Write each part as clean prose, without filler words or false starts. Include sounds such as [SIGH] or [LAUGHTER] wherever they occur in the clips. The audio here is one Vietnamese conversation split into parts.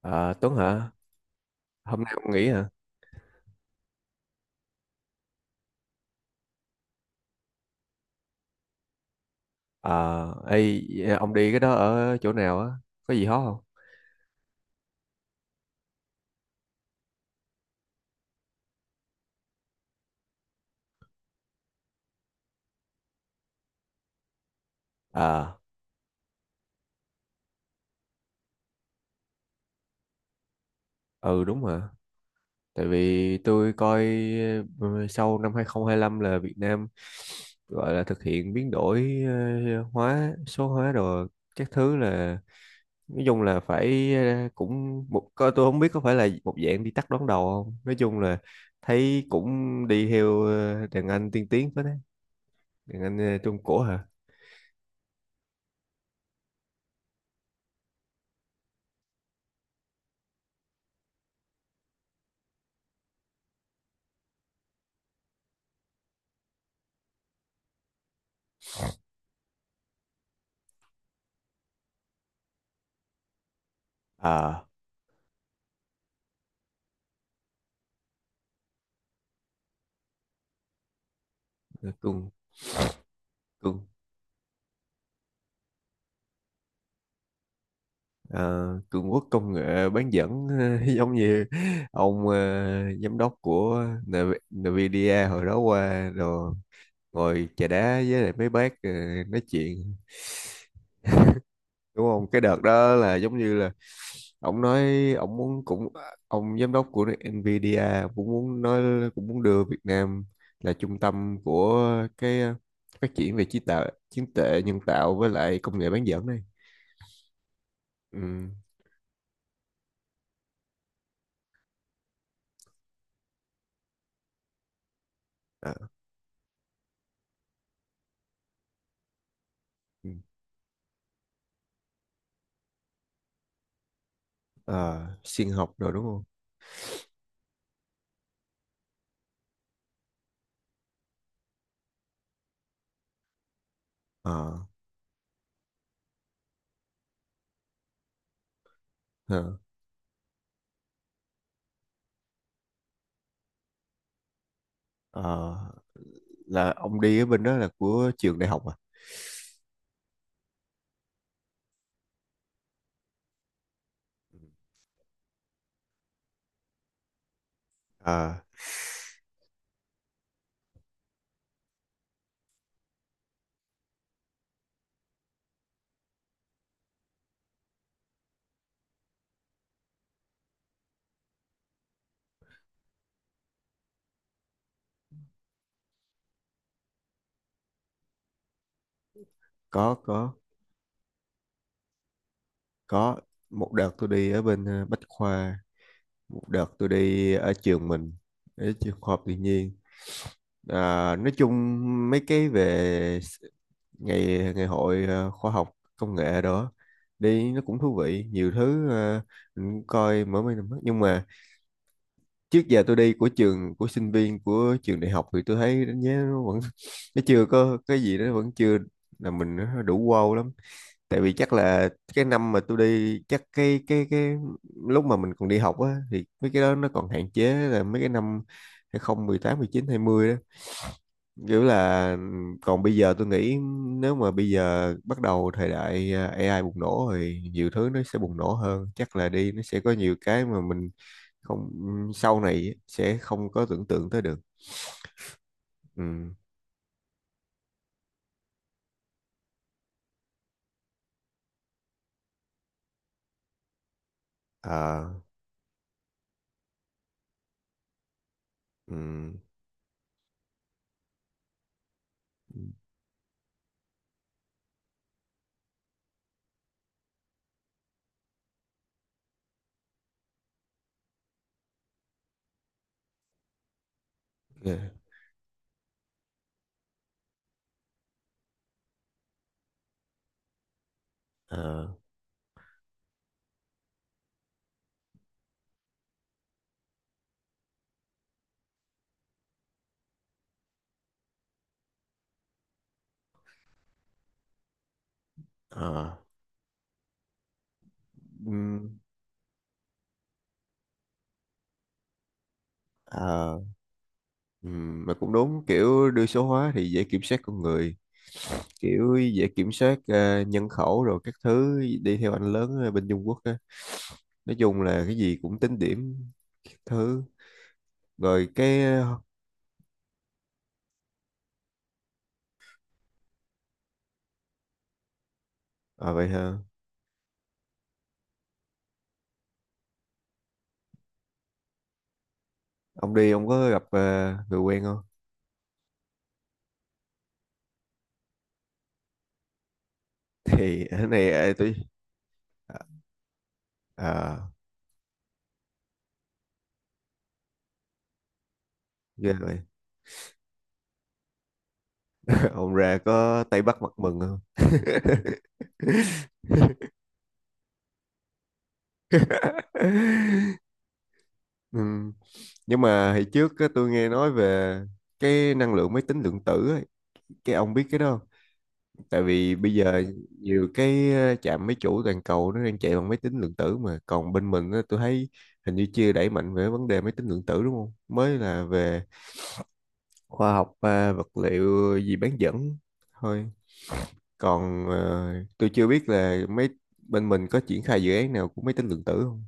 Ờ, Tuấn hả? Hôm nay ông nghỉ hả? Ờ, ê, ông đi cái đó ở chỗ nào á? Có gì hot không? Ờ, ừ đúng hả? Tại vì tôi coi sau năm 2025 là Việt Nam gọi là thực hiện biến đổi số hóa rồi các thứ là nói chung là phải cũng một có, tôi không biết có phải là một dạng đi tắt đón đầu không? Nói chung là thấy cũng đi theo đàn anh tiên tiến phết đấy, đàn anh Trung Cổ hả? Ờ. Cùng cường ờ, Cường quốc công nghệ bán dẫn [LAUGHS] giống như ông, giám đốc của Nvidia hồi đó qua rồi ngồi chà đá với lại mấy bác, nói chuyện, đúng không? Cái đợt đó là giống như là ông nói, ông muốn, cũng ông giám đốc của Nvidia cũng muốn nói, cũng muốn đưa Việt Nam là trung tâm của cái phát triển về trí tạo trí tuệ nhân tạo với lại công nghệ bán dẫn này. Ừ. À, ừ. Ờ, Sinh học rồi đúng không? ờ ờ, ờ, là ông đi ở bên đó là của trường đại học à? Ờ, có có. Một đợt tôi đi ở bên Bách Khoa, một đợt tôi đi ở trường mình, ở trường khoa học tự nhiên. Ờ, nói chung mấy cái về s- ngày ngày hội khoa học công nghệ đó, đi nó cũng thú vị nhiều thứ. Ờ, mình cũng coi mỗi mấy năm nhưng mà trước giờ tôi đi của trường, của sinh viên, của trường đại học thì tôi thấy đánh giá nó vẫn [LAUGHS] nó chưa có cái gì đó, vẫn chưa là mình, nó đủ wow lắm. Tại vì chắc là cái năm mà tôi đi, chắc cái lúc mà mình còn đi học á, thì mấy cái đó nó còn hạn chế, là mấy cái năm 2018, 2019, 2020 đó, kiểu là còn bây giờ tôi nghĩ nếu mà bây giờ bắt đầu thời đại AI bùng nổ thì nhiều thứ nó sẽ bùng nổ hơn, chắc là đi nó sẽ có nhiều cái mà mình không, sau này sẽ không có tưởng tượng tới được. Ừ. Ờ. Ừ. Yeah. Ờ. Ờ. Ừ. Ờ. Ừ. Mà cũng đúng, kiểu đưa số hóa thì dễ kiểm soát con người, kiểu dễ kiểm soát nhân khẩu rồi các thứ, đi theo anh lớn ở bên Trung Quốc. Nói chung là cái gì cũng tính điểm, các thứ, rồi cái à vậy hả? Ông đi ông có gặp người quen không? [LAUGHS] Thì cái này tôi à à, ghê vậy. [LAUGHS] Ông ra có Tây Bắc mặt mừng không? [LAUGHS] Ừ. Nhưng mà hồi trước á, tôi nghe nói về cái năng lượng máy tính lượng tử ấy. Cái ông biết cái đó không? Tại vì bây giờ nhiều cái trạm máy chủ toàn cầu nó đang chạy bằng máy tính lượng tử, mà còn bên mình á, tôi thấy hình như chưa đẩy mạnh về vấn đề máy tính lượng tử, đúng không? Mới là về khoa học vật liệu gì bán dẫn thôi. Còn tôi chưa biết là mấy bên mình có triển khai dự án nào của máy tính lượng tử không.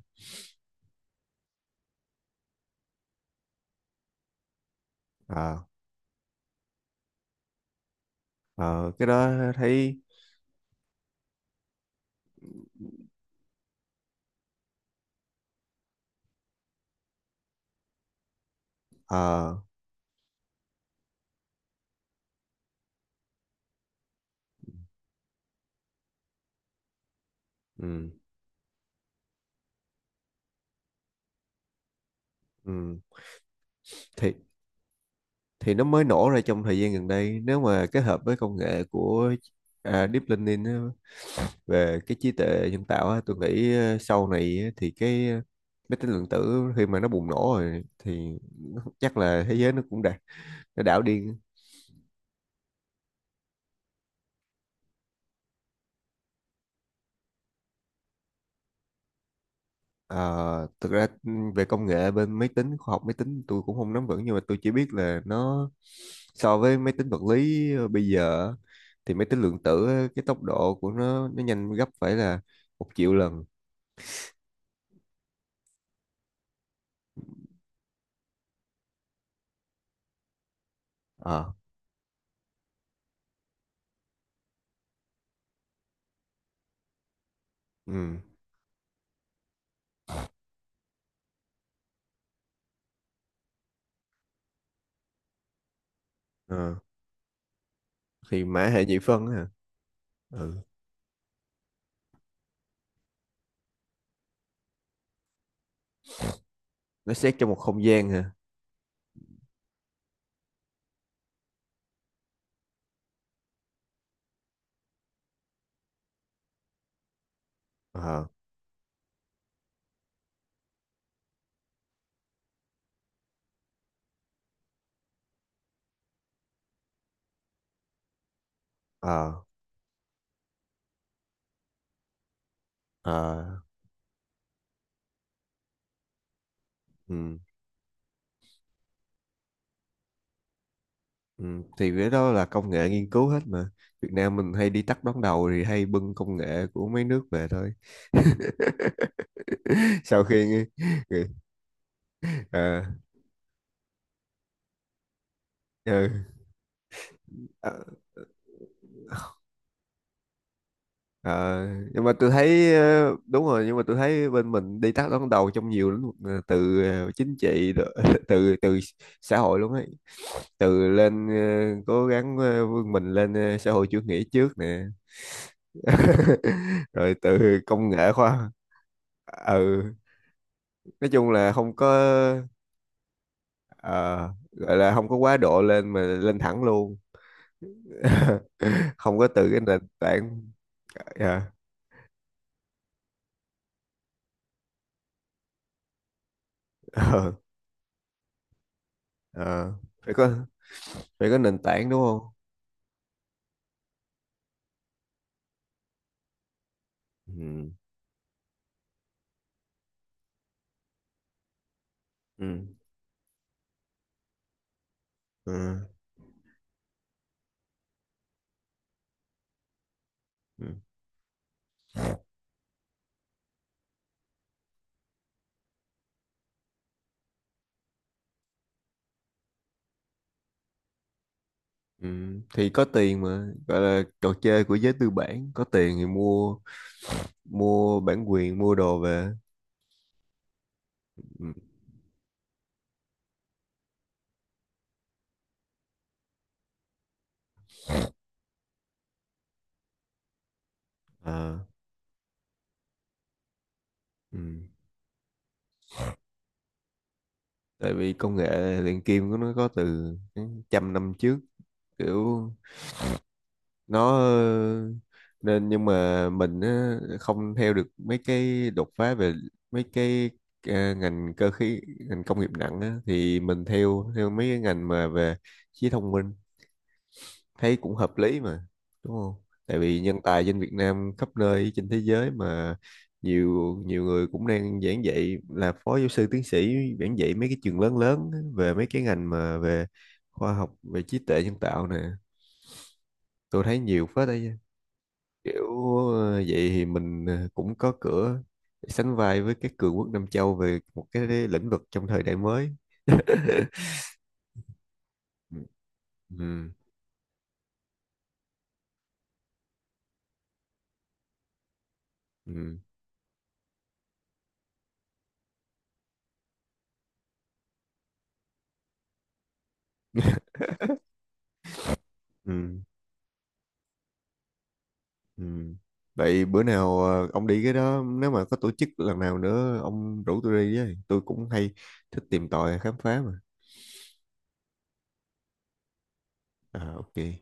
à, ờ, cái đó thấy. ờ, ừ, ừ, thì thì nó mới nổ ra trong thời gian gần đây, nếu mà kết hợp với công nghệ của Deep Learning á, về cái trí tuệ nhân tạo á, tôi nghĩ sau này á, thì cái máy tính lượng tử khi mà nó bùng nổ rồi thì [LAUGHS] chắc là thế giới nó cũng đạt, nó đảo điên. Ờ, thực ra về công nghệ bên máy tính, khoa học máy tính tôi cũng không nắm vững, nhưng mà tôi chỉ biết là nó so với máy tính vật lý bây giờ á, thì máy tính lượng tử á, cái tốc độ của nó nhanh gấp phải là 1 triệu lần. Ờ, ừ, ờ. Thì mã hệ nhị phân á hả? Ừ. Nó xét trong một không gian hả? Ờ, ờ. À, ừ, ừ. Thì cái đó là công nghệ nghiên cứu hết mà. Việt Nam mình hay đi tắt đón đầu thì hay bưng công nghệ của mấy nước về thôi. [LAUGHS] Sau khi nghe- à, ừ. ờ, Ờ, nhưng mà tôi thấy đúng rồi, nhưng mà tôi thấy bên mình đi tắt đón đầu trong nhiều lĩnh vực từ chính trị [LAUGHS] từ từ xã hội luôn ấy, từ lên cố gắng vươn mình lên xã hội chủ nghĩa trước nè [LAUGHS] rồi từ công nghệ ừ, nói chung là không có ờ, gọi là không có quá độ lên mà lên thẳng luôn. [LAUGHS] Không có từ cái nền tảng. Dạ, ờ, ờ, phải có phải có nền tảng đúng không? Ừ. Ừ. Ừ. Ừ. Ừ. Thì có tiền mà, gọi là trò chơi của giới tư bản, có tiền thì mua, mua bản quyền, mua đồ về. Ừ. Ờ. Ừ. Tại vì công nghệ luyện kim của nó có từ trăm năm trước, kiểu nó nên nhưng mà mình á, không theo được mấy cái đột phá về mấy cái ngành cơ khí, ngành công nghiệp nặng á, thì mình theo theo mấy cái ngành mà về trí thông minh, thấy cũng hợp lý mà, đúng không? Tại vì nhân tài trên Việt Nam khắp nơi trên thế giới mà, nhiều nhiều người cũng đang giảng dạy, là phó giáo sư tiến sĩ giảng dạy mấy cái trường lớn lớn á, về mấy cái ngành mà về khoa học, về trí tuệ nhân tạo nè, tôi thấy nhiều phết đấy chứ. Kiểu vậy thì mình cũng có cửa để sánh vai với các cường quốc Nam Châu về một cái lĩnh vực trong thời đại mới. Ừ. Ừ. Ừ. Ừ. Ừ. Vậy bữa nào ông đi cái đó, nếu mà có tổ chức lần nào nữa ông rủ tôi đi với, tôi cũng hay thích tìm tòi khám phá mà. À, ok.